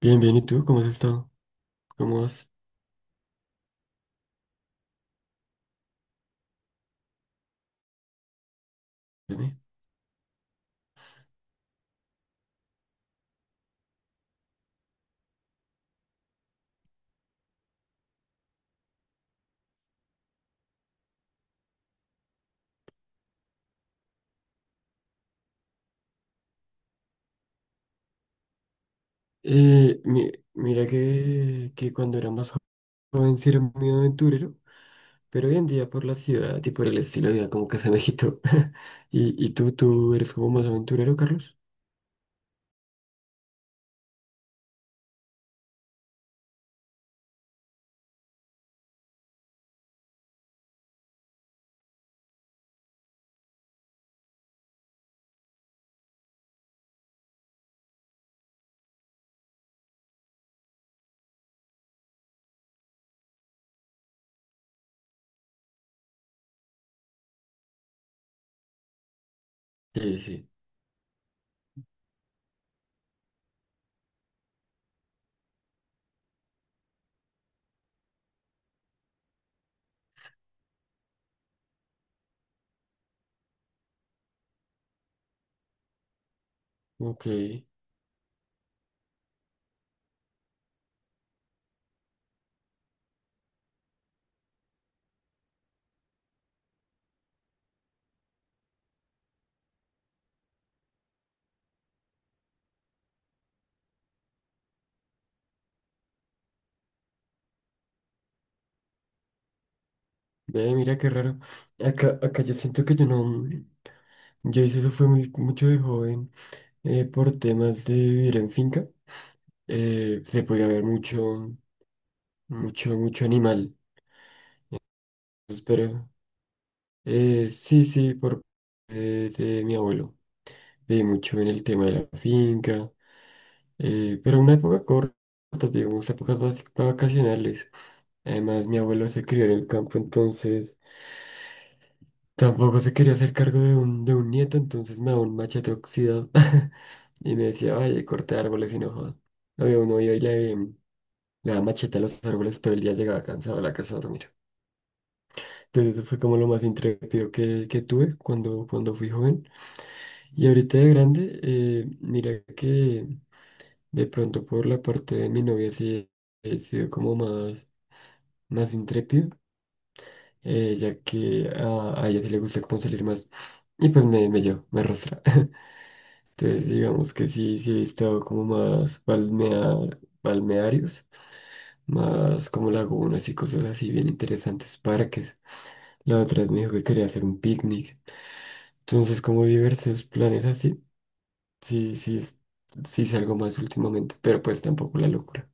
Bien, bien, ¿y tú? ¿Cómo has estado? ¿Cómo vas? Dime. Mira que cuando era más joven sí era muy aventurero, pero hoy en día por la ciudad y por el estilo de vida como que se me quitó. ¿Y tú eres como más aventurero, Carlos? Sí, sí. Ok. Ve, mira qué raro. Acá yo siento que yo no... Yo hice eso fue mucho de joven por temas de vivir en finca. Se podía ver mucho, mucho animal. Pero... Sí, por parte de mi abuelo. Viví mucho en el tema de la finca, pero una época corta, digamos, épocas vacacionales. Además, mi abuelo se crió en el campo, entonces tampoco se quería hacer cargo de de un nieto, entonces me daba un machete oxidado y me decía, vaya, corte árboles y no jodas. Había uno iba y le daba machete a los árboles todo el día, llegaba cansado a la casa a dormir. Entonces, eso fue como lo más intrépido que tuve cuando, cuando fui joven. Y ahorita de grande, mira que de pronto por la parte de mi novia sí he sido como más intrépido, ya que a ella sí le gusta como salir más. Y pues me llevo, me arrastra. Entonces digamos que sí, sí he estado como más balnearios, más como lagunas y cosas así bien interesantes, parques. La otra vez me dijo que quería hacer un picnic. Entonces como diversos planes así. Sí, sí, es- sí salgo más últimamente, pero pues tampoco la locura.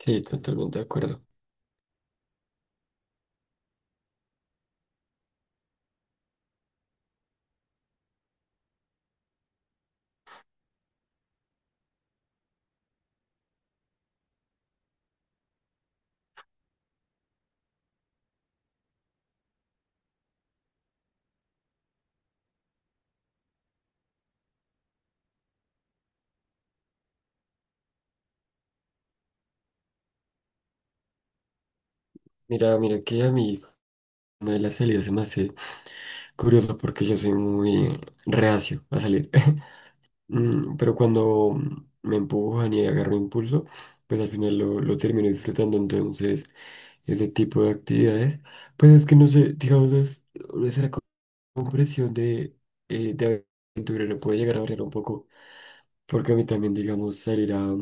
Sí, totalmente de acuerdo. Mira, mira que a mí me de las salidas se me hace curioso porque yo soy muy reacio a salir. Pero cuando me empujan y agarro impulso, pues al final lo termino disfrutando. Entonces, ese tipo de actividades, pues es que no sé, digamos, no es la compresión de aventurero puede llegar a variar un poco, porque a mí también, digamos, salir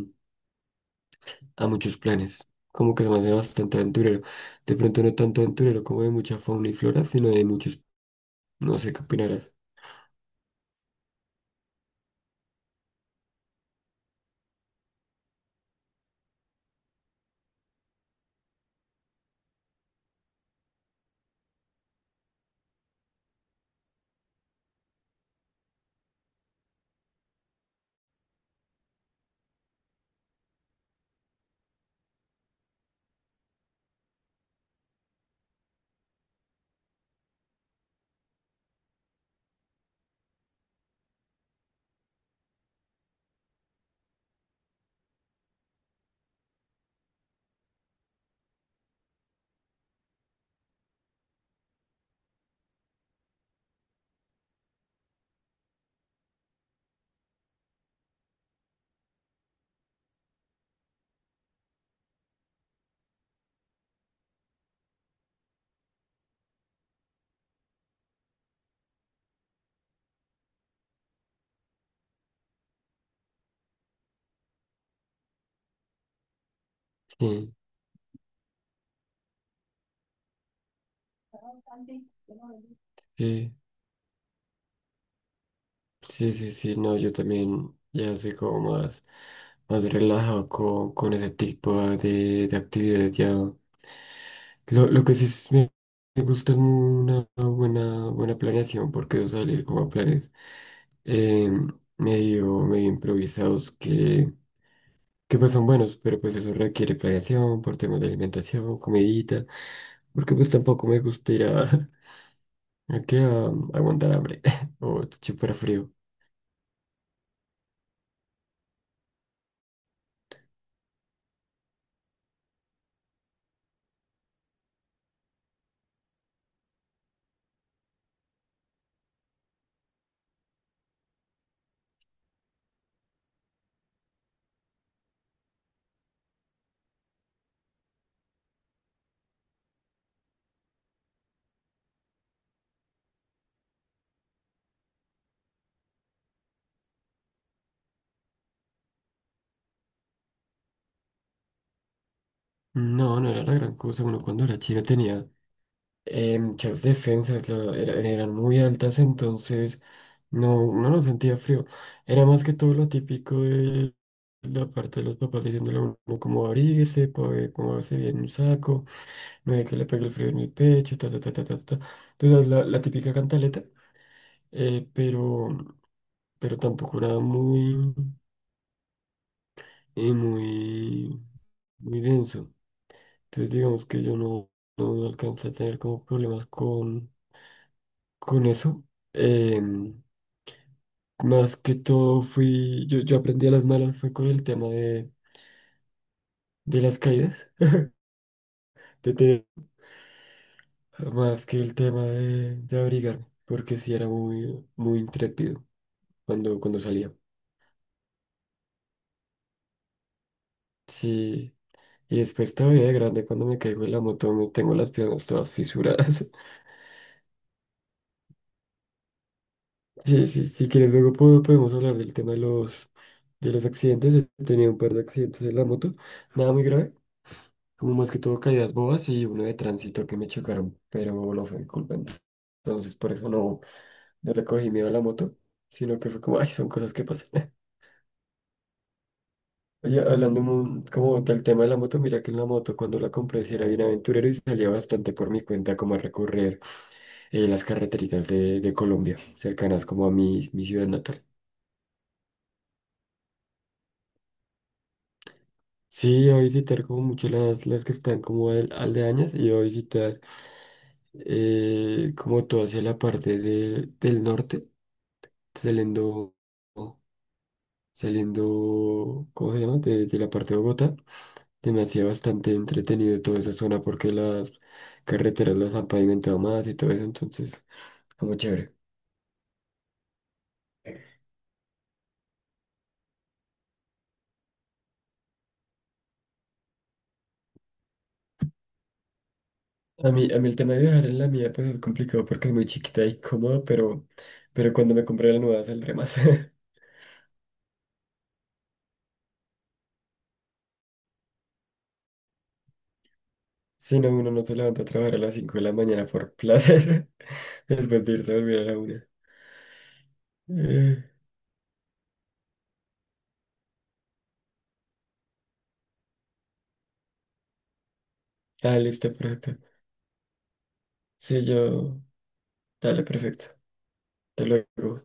a muchos planes. Como que se me hace bastante aventurero. De pronto no tanto aventurero como de mucha fauna y flora, sino de muchos, no sé qué opinarás. Sí, sí, sí, sí, sí, no, yo también ya soy como más, más relajado con ese tipo de actividades ya. Lo que sí me gusta es una buena, buena planeación, porque eso salir como a planes eh, medio, medio improvisados que pues son buenos, pero pues eso requiere planeación por temas de alimentación, comidita, porque pues tampoco me gusta ir a que a aguantar hambre o chupar frío. No, no era la gran cosa. Bueno, cuando era chino tenía muchas defensas, eran muy altas, entonces no sentía frío. Era más que todo lo típico de la parte de los papás diciéndole a uno como abríguese, póngase bien un saco. No da que le pegue el frío en el pecho, ta, ta, ta, ta, ta, ta. Entonces, la típica cantaleta, eh, pero, pero tampoco era muy, muy, muy denso. Entonces, digamos que yo no alcancé a tener como problemas con eso. Em, Más que todo fui, yo aprendí a las malas fue con el tema de las caídas, de tener, más que el tema de abrigarme, porque sí era muy, muy intrépido cuando, cuando salía. Sí. Y después todavía de grande cuando me caigo en la moto me tengo las piernas todas fisuradas. Sí, sí, si quieres luego podemos hablar del tema de los accidentes. He tenido un par de accidentes en la moto. Nada muy grave, como más que todo caídas bobas y uno de tránsito que me chocaron, pero no fue mi culpa. Entonces por eso no le cogí miedo a la moto, sino que fue como, ay, son cosas que pasan. Oye, hablando como del tema de la moto, mira que en la moto cuando la compré sí era bien aventurero y salía bastante por mi cuenta como a recorrer. Eh, las carreteritas de Colombia, cercanas como a mi ciudad natal. Sí, iba a visitar como mucho las que están como aldeañas y iba a visitar como todo hacia la parte del norte, saliendo, saliendo, ¿cómo se llama? De la parte de Bogotá. Se me hacía bastante entretenido toda esa zona porque las carreteras las han pavimentado más y todo eso, entonces, como chévere. A mí el tema de viajar en la mía pues es complicado porque es muy chiquita y cómoda, pero cuando me compré la nueva saldré más. Si no, uno no se levanta a trabajar a las 5 de la mañana por placer, después de irse a dormir a la 1. Eh, Listo, perfecto. Sí, yo... Dale, perfecto. Hasta luego.